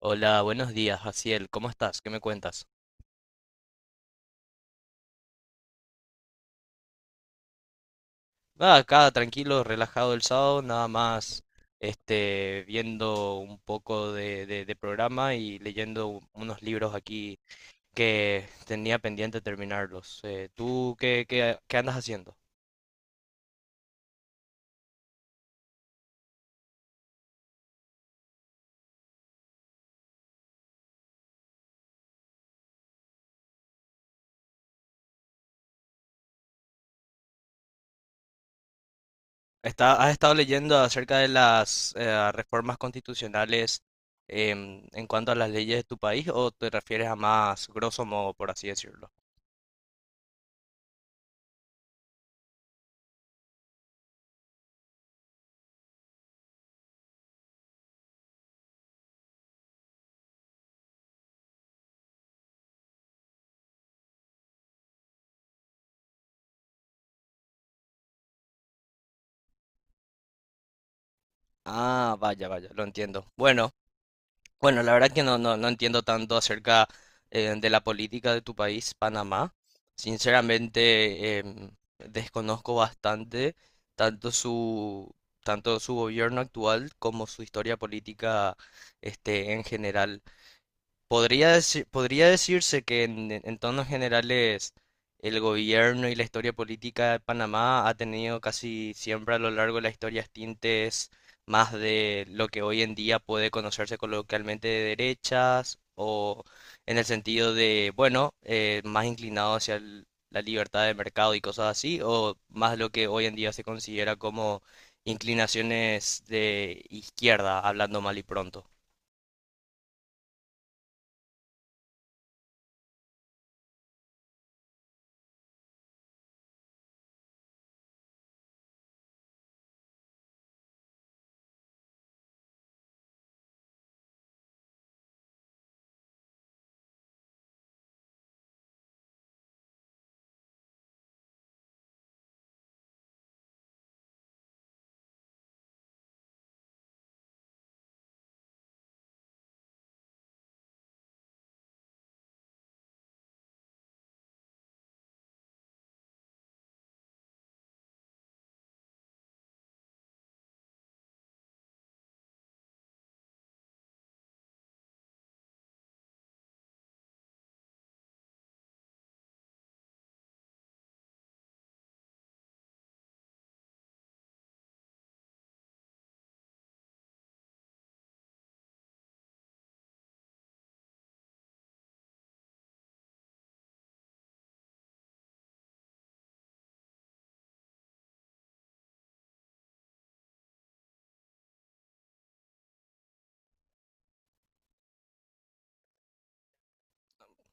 Hola, buenos días, Jaciel. ¿Cómo estás? ¿Qué me cuentas? Nada, acá tranquilo, relajado el sábado, nada más viendo un poco de programa y leyendo unos libros aquí que tenía pendiente terminarlos. ¿Tú qué andas haciendo? ¿Has estado leyendo acerca de las reformas constitucionales en cuanto a las leyes de tu país o te refieres a más grosso modo, por así decirlo? Ah, vaya, vaya, lo entiendo. Bueno. Bueno, la verdad que no entiendo tanto acerca de la política de tu país, Panamá. Sinceramente, desconozco bastante tanto su, tanto su gobierno actual como su historia política en general. Podría decirse que en tonos generales el gobierno y la historia política de Panamá ha tenido casi siempre a lo largo de la historia tintes más de lo que hoy en día puede conocerse coloquialmente de derechas o en el sentido de, bueno, más inclinado hacia la libertad de mercado y cosas así, o más lo que hoy en día se considera como inclinaciones de izquierda, hablando mal y pronto.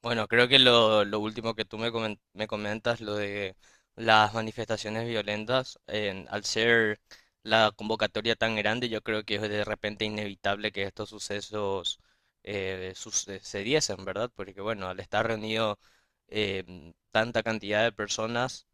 Bueno, creo que lo último que tú me, me comentas, lo de las manifestaciones violentas, al ser la convocatoria tan grande, yo creo que es de repente inevitable que estos sucesos sucediesen, ¿verdad? Porque bueno, al estar reunido tanta cantidad de personas,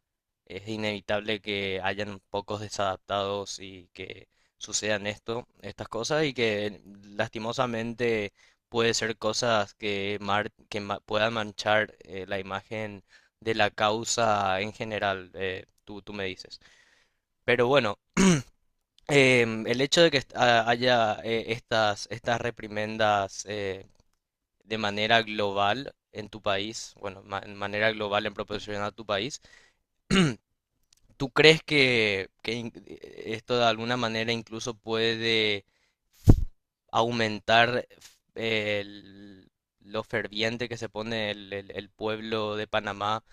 es inevitable que hayan pocos desadaptados y que sucedan esto, estas cosas y que lastimosamente puede ser cosas que puedan manchar la imagen de la causa en general, tú me dices. Pero bueno, el hecho de que haya estas reprimendas de manera global en tu país, bueno, de manera global en proporción a tu país, ¿tú crees que esto de alguna manera incluso puede aumentar eh, el- lo ferviente que se pone el pueblo de Panamá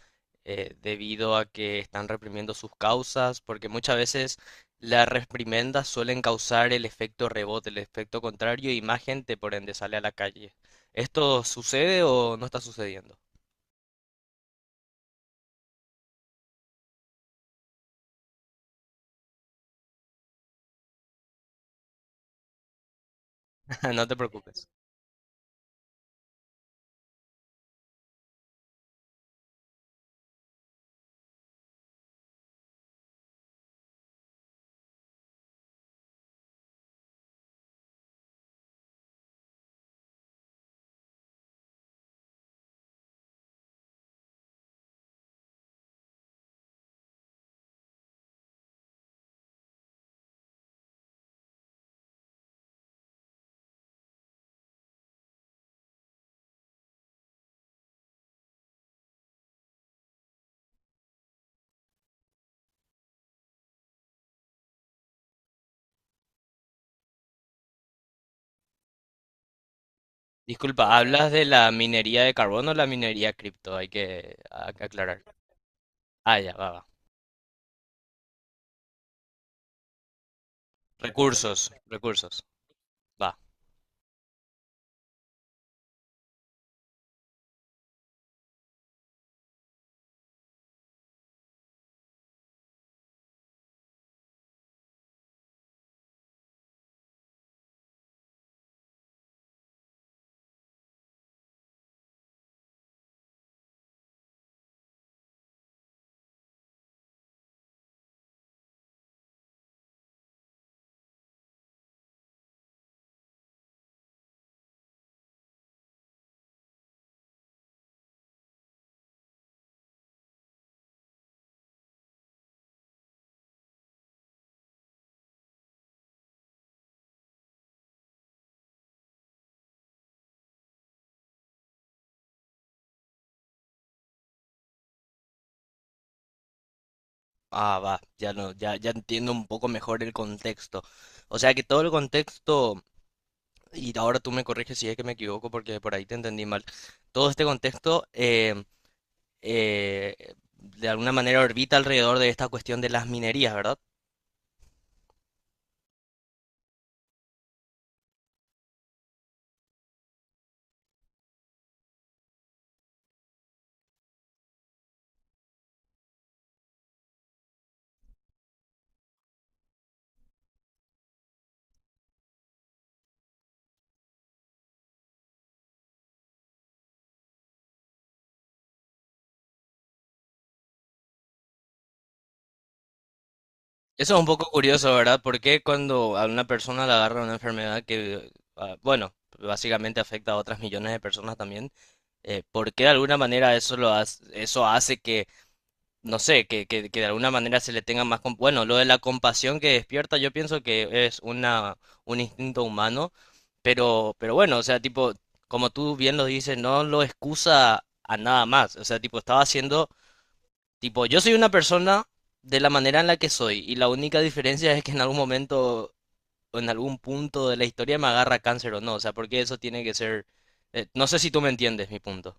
debido a que están reprimiendo sus causas, porque muchas veces las reprimendas suelen causar el efecto rebote, el efecto contrario y más gente por ende sale a la calle. ¿Esto sucede o no está sucediendo? No te preocupes. Disculpa, ¿hablas de la minería de carbono o la minería cripto? Hay que aclarar. Ah, ya, va, va. Recursos, recursos. Va. Ah, va. Ya no, ya, ya entiendo un poco mejor el contexto. O sea que todo el contexto, y ahora tú me corriges si es que me equivoco porque por ahí te entendí mal. Todo este contexto de alguna manera orbita alrededor de esta cuestión de las minerías, ¿verdad? Eso es un poco curioso, ¿verdad? Porque cuando a una persona le agarra una enfermedad que, ah, bueno, básicamente afecta a otras millones de personas también, ¿por qué de alguna manera eso lo hace, eso hace que, no sé, que de alguna manera se le tenga más... Bueno, lo de la compasión que despierta, yo pienso que es una, un instinto humano, pero bueno, o sea, tipo, como tú bien lo dices, no lo excusa a nada más, o sea, tipo, estaba haciendo tipo, yo soy una persona de la manera en la que soy y la única diferencia es que en algún momento o en algún punto de la historia me agarra cáncer o no, o sea, porque eso tiene que ser... no sé si tú me entiendes mi punto.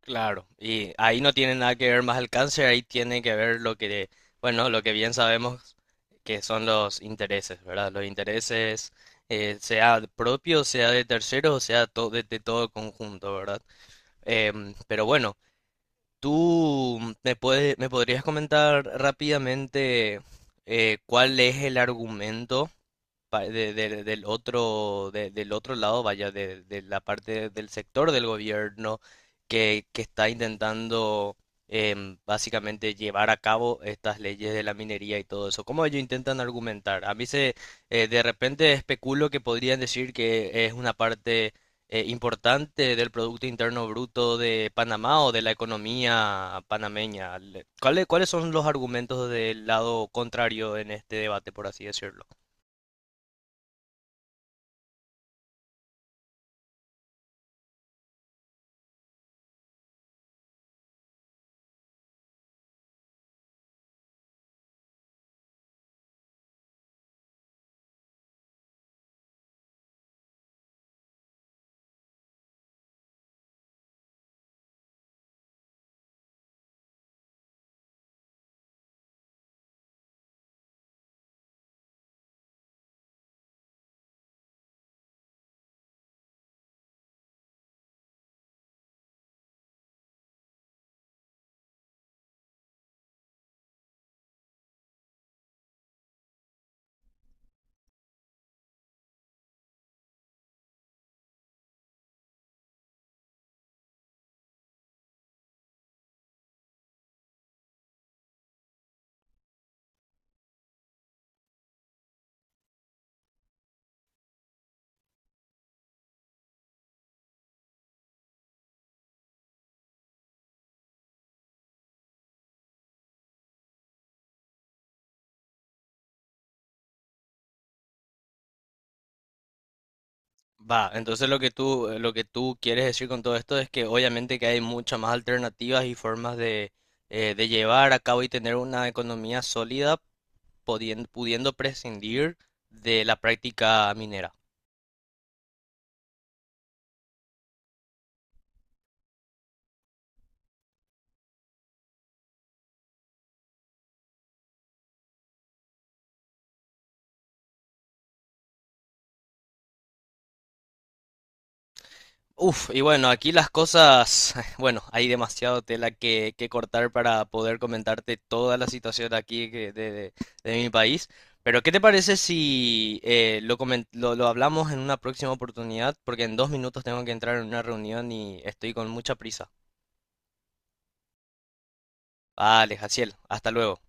Claro. Y ahí no tiene nada que ver más el cáncer, ahí tiene que ver lo que, bueno, lo que bien sabemos que son los intereses, ¿verdad? Los intereses, sea propio, sea de terceros, sea de todo el conjunto, ¿verdad? Pero bueno. Me podrías comentar rápidamente cuál es el argumento del otro, del otro lado, vaya, de la parte del sector del gobierno que está intentando básicamente llevar a cabo estas leyes de la minería y todo eso? ¿Cómo ellos intentan argumentar? De repente especulo que podrían decir que es una parte importante del Producto Interno Bruto de Panamá o de la economía panameña. ¿ Cuáles son los argumentos del lado contrario en este debate, por así decirlo? Va, entonces lo que tú quieres decir con todo esto es que obviamente que hay muchas más alternativas y formas de de llevar a cabo y tener una economía sólida pudiendo prescindir de la práctica minera. Uf, y bueno, aquí las cosas, bueno, hay demasiado tela que cortar para poder comentarte toda la situación aquí de mi país. Pero, ¿qué te parece si lo hablamos en una próxima oportunidad? Porque en 2 minutos tengo que entrar en una reunión y estoy con mucha prisa. Vale, Jaciel, hasta luego.